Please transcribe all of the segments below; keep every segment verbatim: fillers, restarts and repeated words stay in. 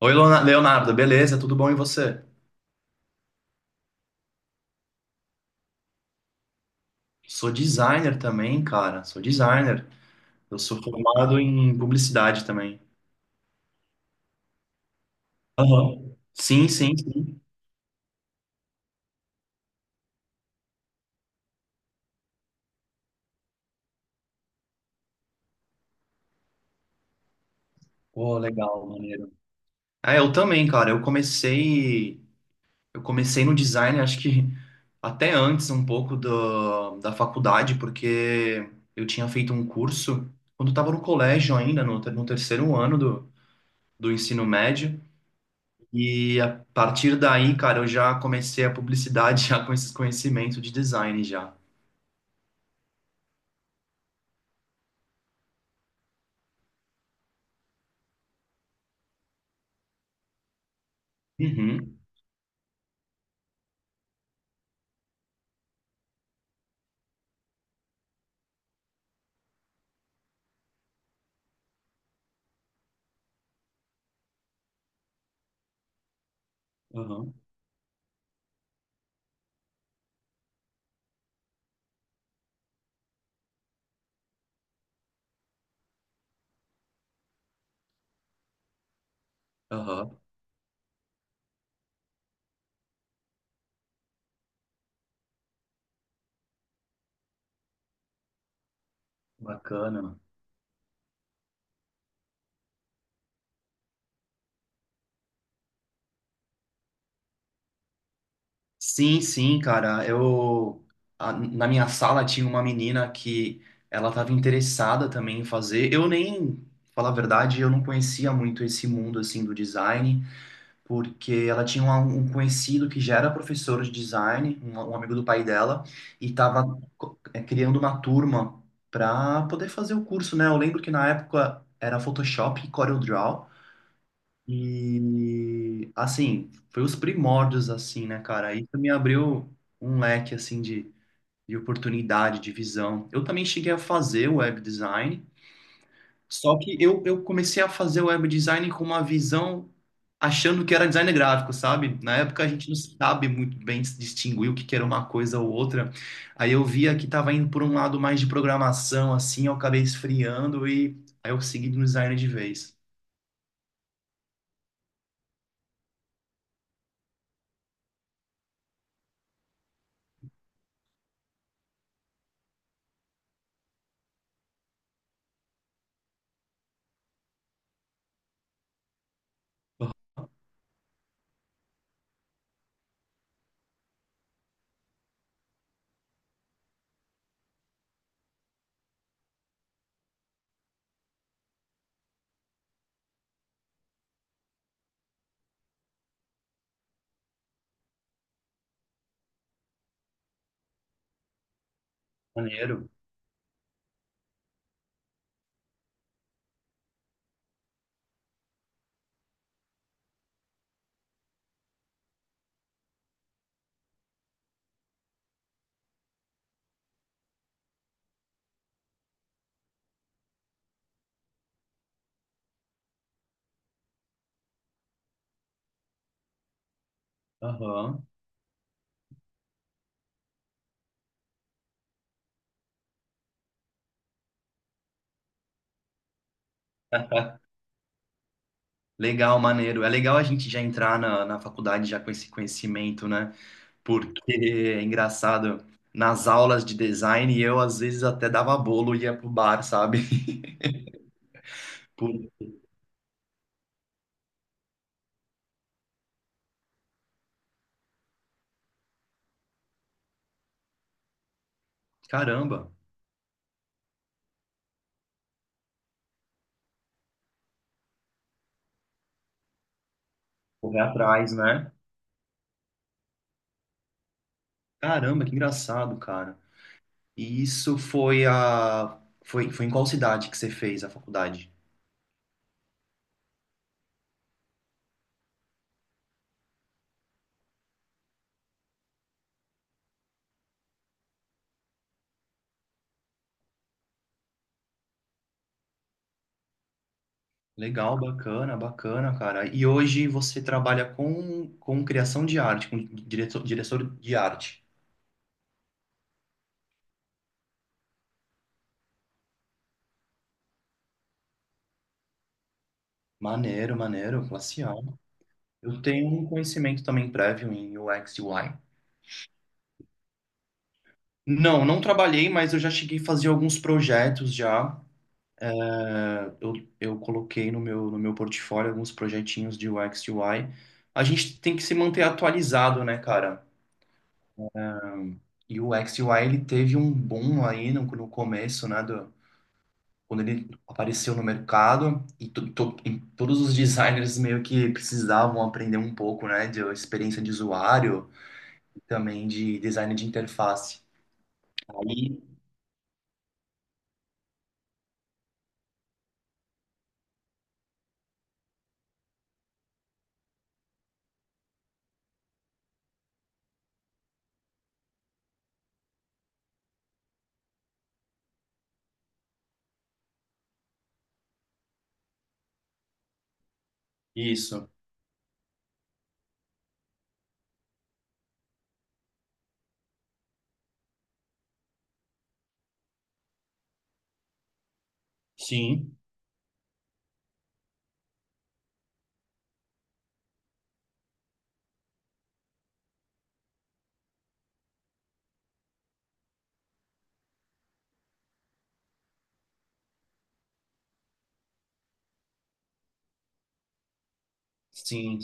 Oi, Leona- Leonardo, beleza? Tudo bom e você? Sou designer também, cara. Sou designer. Eu sou formado em publicidade também. Aham. Sim, sim, sim. Pô, legal, maneiro. É, eu também, cara. Eu comecei, eu comecei no design, acho que até antes um pouco da da faculdade, porque eu tinha feito um curso quando eu estava no colégio ainda, no, ter- no terceiro ano do, do ensino médio. E a partir daí, cara, eu já comecei a publicidade já com esses conhecimentos de design já. Uhum, aham, aham, bacana. Sim, sim, cara. Eu a- na minha sala tinha uma menina que ela estava interessada também em fazer. Eu nem, falar a verdade, eu não conhecia muito esse mundo assim do design, porque ela tinha um, um conhecido que já era professor de design, um, um amigo do pai dela, e estava criando uma turma para poder fazer o curso, né? Eu lembro que na época era Photoshop e CorelDRAW, e assim, foi os primórdios, assim, né, cara? Isso me abriu um leque, assim, de, de oportunidade, de visão. Eu também cheguei a fazer web design, só que eu, eu comecei a fazer web design com uma visão achando que era design gráfico, sabe? Na época a gente não sabe muito bem se distinguir o que que era uma coisa ou outra. Aí eu via que estava indo por um lado mais de programação, assim, eu acabei esfriando e aí eu segui no design de vez. Aham, maneiro. Aham. Legal, maneiro. É legal a gente já entrar na, na faculdade já com esse conhecimento, né? Porque é engraçado, nas aulas de design eu às vezes até dava bolo e ia pro bar, sabe? Pô, caramba, correr atrás, né? Caramba, que engraçado, cara. E isso foi a foi, foi em qual cidade que você fez a faculdade? Legal, bacana, bacana, cara. E hoje você trabalha com, com criação de arte, com diretor, diretor de arte. Maneiro, maneiro, classe A. Eu tenho um conhecimento também prévio em U x e U I. Não, não trabalhei, mas eu já cheguei a fazer alguns projetos já eu, eu coloquei no meu, no meu portfólio alguns projetinhos de U X e U I. A gente tem que se manter atualizado, né, cara? Ahn, E o U X e U I, ele teve um boom aí no, no começo, né, do, quando ele apareceu no mercado e, to, to- e todos os designers meio que precisavam aprender um pouco, né, de experiência de usuário e também de design de interface. Aí, isso. Sim, sim,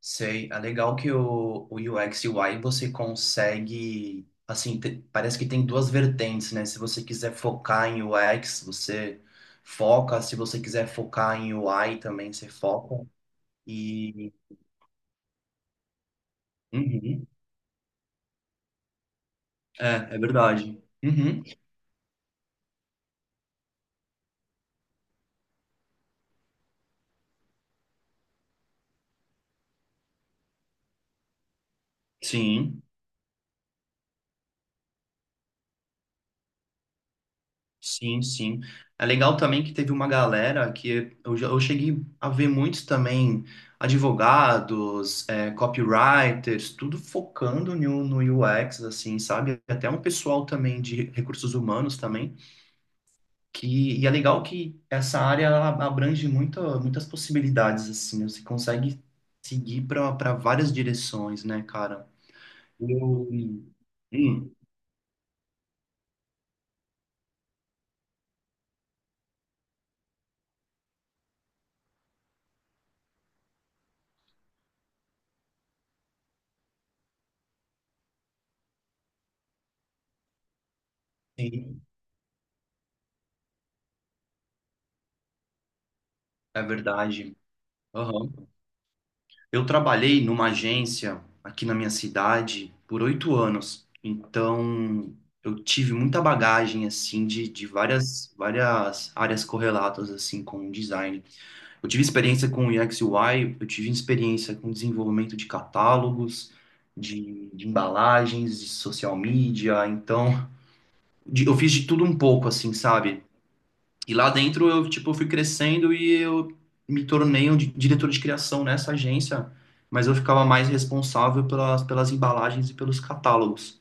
sei, é legal que o, o U X e U I você consegue, assim, te- parece que tem duas vertentes, né? Se você quiser focar em U X, você foca, se você quiser focar em U I também, você foca. E. Uhum. É, é verdade. Uhum. Sim. Sim, sim. É legal também que teve uma galera que eu, já- eu cheguei a ver muitos também, advogados, é, copywriters, tudo focando no, no U X, assim, sabe? Até um pessoal também de recursos humanos também, que, e é legal que essa área ela abrange muita, muitas possibilidades, assim, né? Você consegue seguir para para várias direções, né, cara? Eu... Hum, hum, sim, é verdade. Eu trabalhei numa agência aqui na minha cidade por oito anos, então eu tive muita bagagem assim de, de várias várias áreas correlatas assim com o design. Eu tive experiência com U X U I, eu tive experiência com desenvolvimento de catálogos, de, de embalagens, de social media, então de- eu fiz de tudo um pouco assim, sabe? E lá dentro eu, tipo, fui crescendo e eu me tornei um di- diretor de criação nessa agência, mas eu ficava mais responsável pelas, pelas embalagens e pelos catálogos.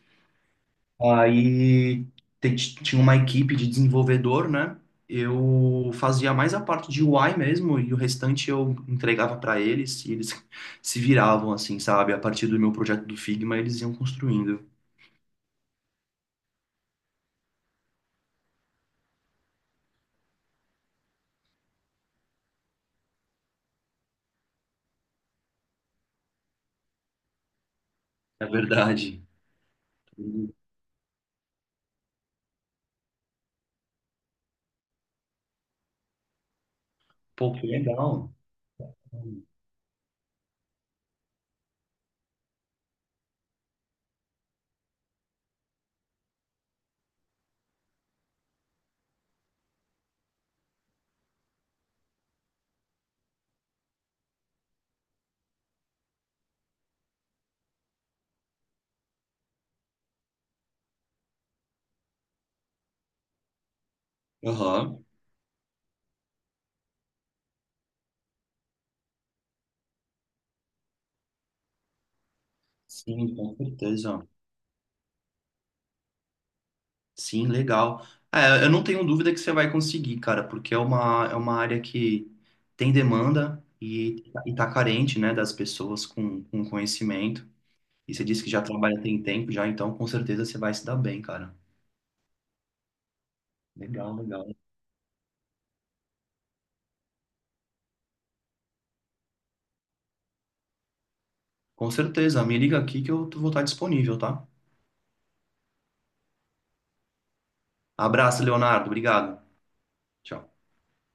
Aí te- Tinha uma equipe de desenvolvedor, né? Eu fazia mais a parte de U I mesmo e o restante eu entregava para eles e eles se viravam, assim, sabe? A partir do meu projeto do Figma, eles iam construindo. É verdade. Pô, que legal. Aham. Sim, com certeza. Sim, legal. É, eu não tenho dúvida que você vai conseguir, cara, porque é uma, é uma área que tem demanda e, e tá carente, né, das pessoas com, com conhecimento. E você disse que já trabalha tem tempo já, então com certeza você vai se dar bem, cara. Legal, legal. Com certeza, me liga aqui que eu vou estar disponível, tá? Abraço, Leonardo. Obrigado. Tchau.